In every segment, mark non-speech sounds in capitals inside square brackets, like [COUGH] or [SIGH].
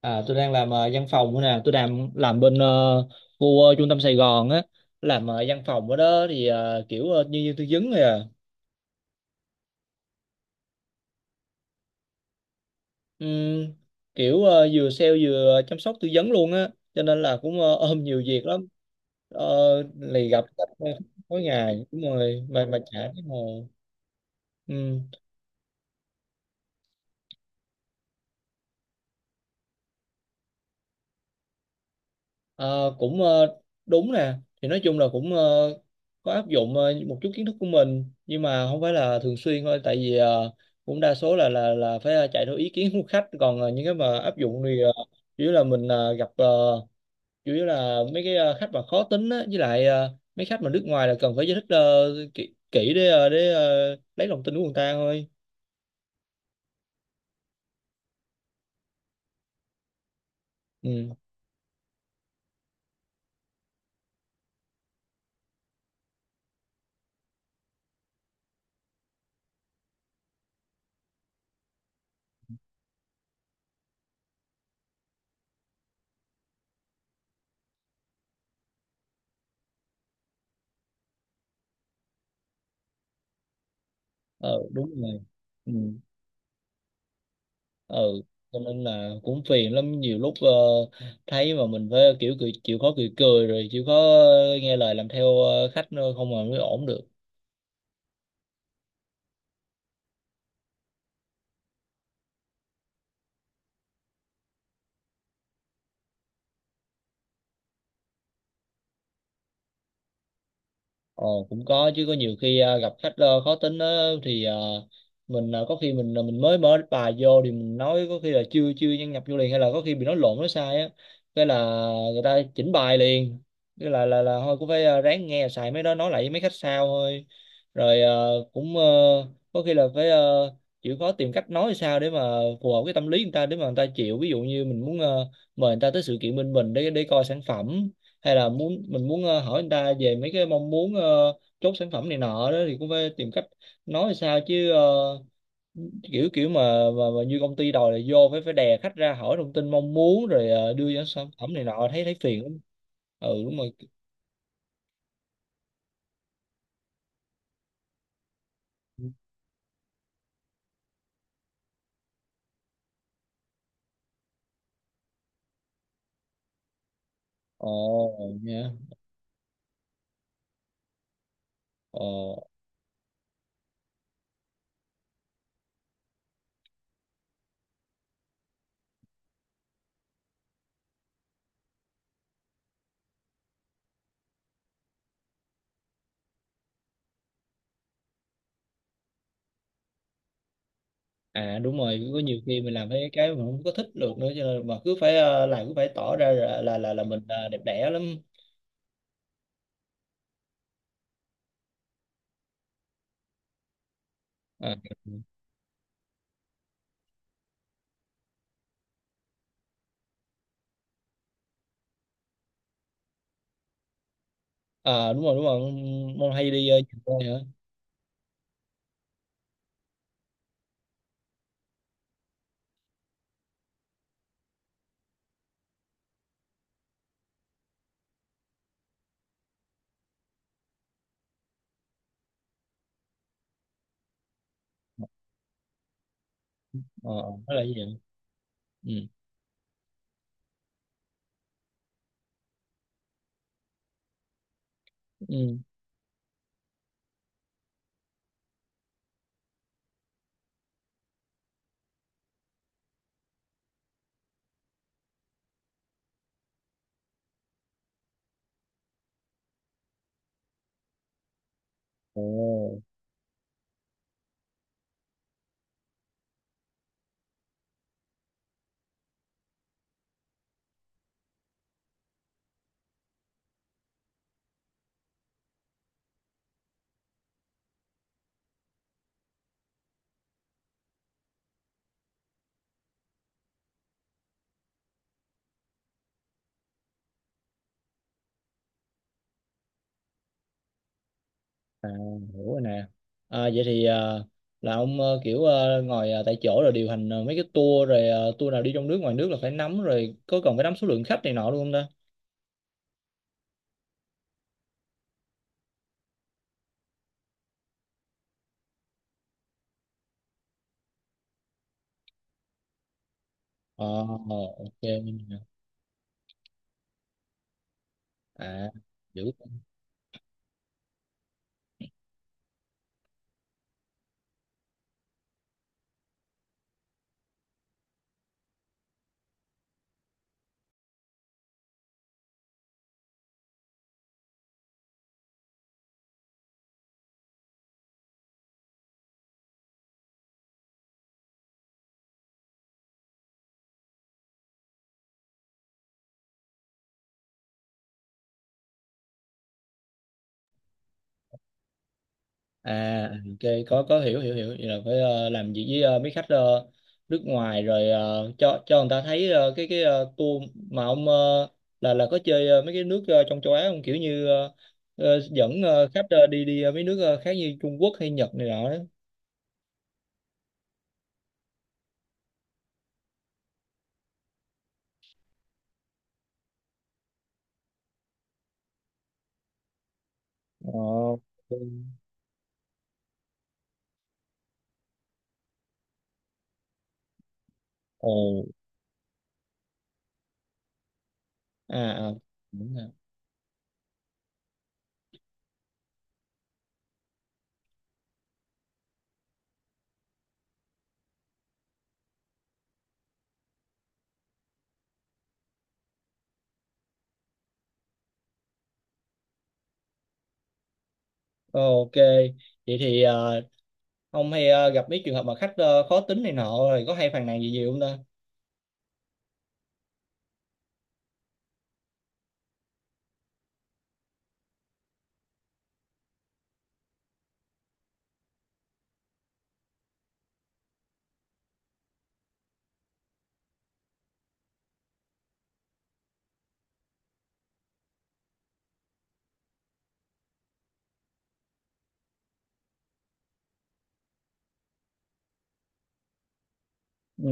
À, tôi đang làm văn phòng nữa nè, tôi làm bên khu trung tâm Sài Gòn á, làm văn phòng ở đó thì kiểu nhân viên tư vấn rồi à. Ừm, kiểu vừa sale vừa chăm sóc tư vấn luôn á, cho nên là cũng ôm nhiều việc lắm, lì gặp khách mỗi ngày đúng rồi, mà chả thấy ngồi. Ờ, cũng đúng nè, thì nói chung là cũng có áp dụng một chút kiến thức của mình, nhưng mà không phải là thường xuyên thôi, tại vì cũng đa số là phải chạy theo ý kiến của khách, còn những cái mà áp dụng thì chủ yếu là mình gặp, chủ yếu là mấy cái khách mà khó tính á, với lại mấy khách mà nước ngoài là cần phải giải thích kỹ để lấy lòng tin của người ta thôi. Ừ. Ờ, đúng rồi. Ừ. Ừ, cho nên là cũng phiền lắm, nhiều lúc thấy mà mình phải kiểu cười, chịu khó cười cười rồi chịu khó nghe lời làm theo khách nữa, không mà mới ổn được. Ồ, cũng có chứ, có nhiều khi à, gặp khách khó tính á, thì à, mình à, có khi mình mới mở bài vô thì mình nói có khi là chưa chưa nhân nhập vô liền, hay là có khi bị nói lộn nói sai á, cái là người ta chỉnh bài liền, cái là thôi cũng phải à, ráng nghe xài mấy đó nói lại với mấy khách sao thôi. Rồi à, cũng có khi là phải chịu khó tìm cách nói sao để mà phù hợp cái tâm lý người ta để mà người ta chịu, ví dụ như mình muốn mời người ta tới sự kiện bên mình để coi sản phẩm, hay là mình muốn hỏi người ta về mấy cái mong muốn, chốt sản phẩm này nọ đó, thì cũng phải tìm cách nói sao chứ kiểu kiểu mà, như công ty đòi là vô phải phải đè khách ra hỏi thông tin mong muốn rồi đưa ra sản phẩm này nọ, thấy thấy phiền lắm. Ừ, đúng rồi. Ồ. Nha. Ồ. À, đúng rồi, có nhiều khi mình làm mấy cái mình không có thích được nữa, cho nên mà cứ phải làm, cứ phải tỏ ra là mình đẹp đẽ lắm. À. À, đúng rồi, đúng rồi, mong hay đi nhiều nơi hả? ờ đó là gì vậy? Ừ. Ừ. Ồ. À, hiểu rồi nè. À, vậy thì à, là ông kiểu ngồi tại chỗ rồi điều hành mấy cái tour, rồi tour nào đi trong nước ngoài nước là phải nắm, rồi có còn phải nắm số lượng khách này nọ luôn không ta? Ờ. Ok. À. Giữ. À, ok, có hiểu hiểu hiểu, vậy là phải làm việc với mấy khách nước ngoài rồi cho người ta thấy cái tour mà ông là có chơi mấy cái nước trong châu Á không, kiểu như dẫn khách đi đi mấy nước khác như Trung Quốc hay Nhật này nọ đó? Ờ. Ừ. Ồ. À, à, đúng rồi. Ờ, ok. Vậy thì ông hay gặp mấy trường hợp mà khách khó tính này nọ, rồi có hay phàn nàn gì nhiều không ta? Ừ.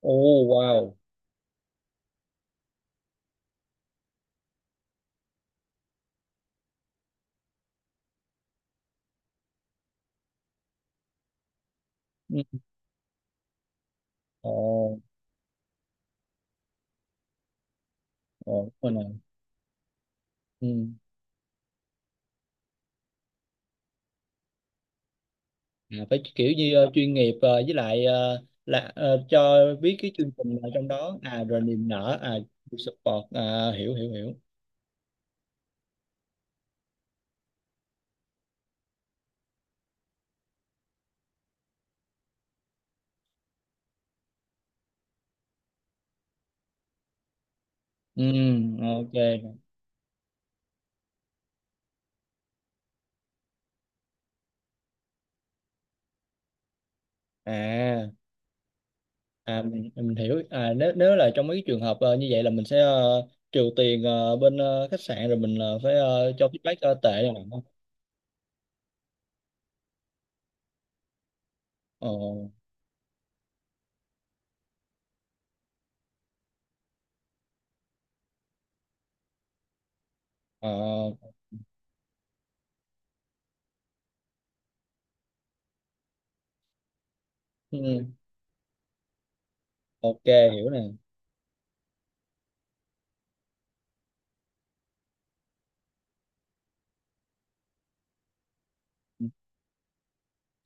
Ồ, wow. Ừ. Ồ. Ồ, đúng rồi nè. Ừ. À, phải kiểu như chuyên nghiệp, với lại cho biết cái chương trình ở trong đó à, rồi niềm nở à. Support à, hiểu hiểu hiểu. Ừ, ok. À, à, mình hiểu. À, nếu nếu là trong mấy cái trường hợp như vậy là mình sẽ trừ tiền bên khách sạn, rồi mình phải cho feedback tệ này nè. Ồ, ờ, ừ, ok, hiểu nè. Ừ.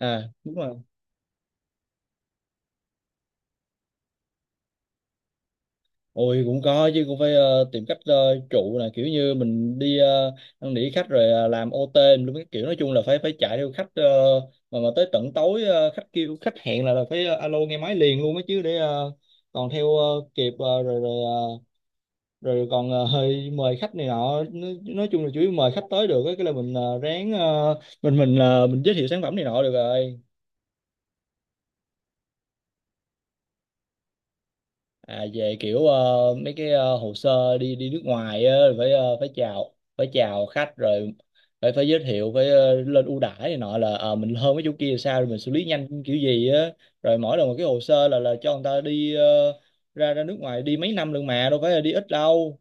À, đúng rồi. Ôi, cũng có chứ, cũng phải tìm cách trụ, là kiểu như mình đi năn nỉ khách rồi làm OT luôn, cái kiểu nói chung là phải phải chạy theo khách, mà tới tận tối khách kêu khách hẹn là, phải alo nghe máy liền luôn á, chứ để còn theo kịp ờ, rồi rồi ờ, rồi còn ờ, [LAUGHS] hơi mời khách này nọ, nói chung là chủ yếu mời khách tới được á, cái là mình ráng, mình giới thiệu sản phẩm này nọ được rồi. À, về kiểu mấy cái hồ sơ đi đi nước ngoài á, rồi phải phải chào khách, rồi phải phải giới thiệu, phải lên ưu đãi này nọ là mình hơn mấy chỗ kia là sao, rồi mình xử lý nhanh kiểu gì á, rồi mỗi lần một cái hồ sơ là cho người ta đi ra ra nước ngoài đi mấy năm lần mà đâu phải là đi ít đâu,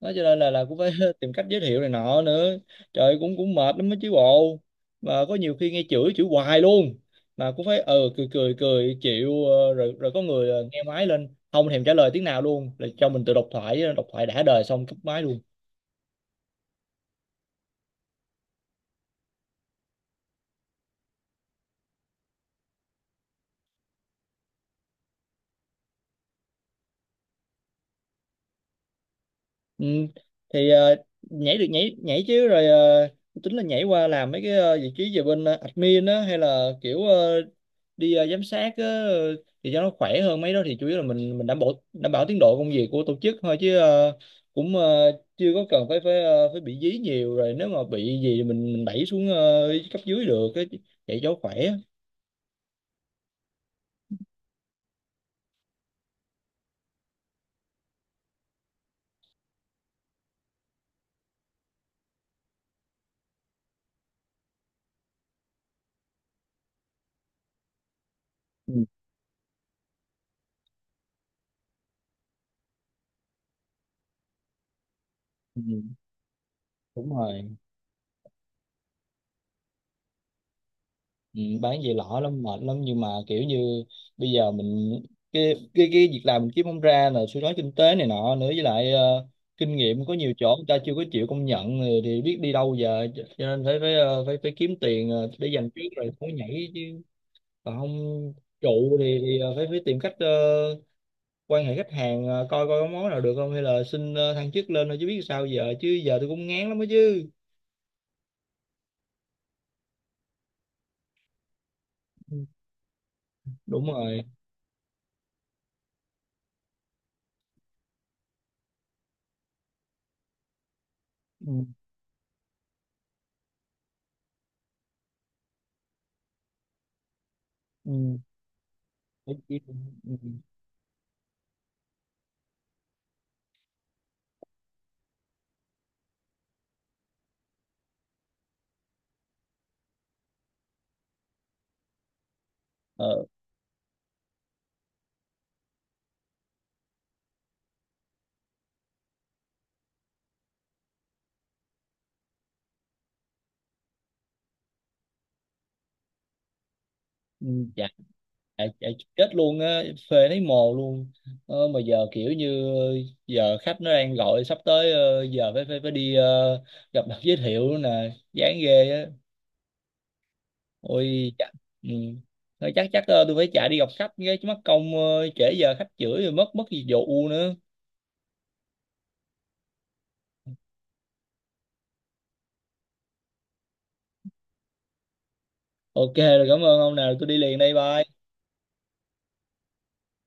đó cho nên là cũng phải [LAUGHS] tìm cách giới thiệu này nọ nữa. Trời ơi, cũng cũng mệt lắm á chứ bộ, mà có nhiều khi nghe chửi chửi hoài luôn, mà cũng phải cười cười cười chịu, rồi rồi có người nghe máy lên không thèm trả lời tiếng nào luôn, là cho mình tự độc thoại đã đời xong cúp máy luôn. Ừ. Thì nhảy được, nhảy nhảy chứ, rồi tính là nhảy qua làm mấy cái vị trí về bên admin á, hay là kiểu đi giám sát á, thì cho nó khỏe hơn. Mấy đó thì chủ yếu là mình đảm bảo tiến độ công việc của tổ chức thôi, chứ cũng chưa có cần phải phải ờ, phải bị dí nhiều, rồi nếu mà bị gì thì mình đẩy xuống cấp dưới được á, vậy cho khỏe. Ừ, ừ, đúng rồi. Ừ, bán về lỏ lắm, mệt lắm, nhưng mà kiểu như bây giờ mình, cái việc làm mình kiếm không ra, là suy thoái kinh tế này nọ nữa, với lại kinh nghiệm có nhiều chỗ người ta chưa có chịu công nhận, thì biết đi đâu giờ? Cho nên phải phải ờ, phải phải kiếm tiền để dành trước rồi mới nhảy chứ, còn không trụ thì phải phải tìm cách quan hệ khách hàng, coi coi có món nào được không, hay là xin thăng chức lên thôi, chứ biết sao giờ, chứ giờ tôi cũng ngán lắm đó chứ. Ừ, đúng rồi. Ừ, ừ. Phải chỉ- ừ. Ờ, ừ, à, à, chết luôn á, phê thấy mồ luôn, mà giờ kiểu như giờ khách nó đang gọi sắp tới, giờ phải phải phải đi gặp mặt giới thiệu nữa nè, chán ghê á. Ôi chắc ừ. Thôi chắc chắc tôi phải chạy đi gặp khách cái, chứ mất công trễ giờ khách chửi rồi mất mất gì vụ nữa. Ok rồi, cảm ơn ông nào, tôi đi liền đây. Bye.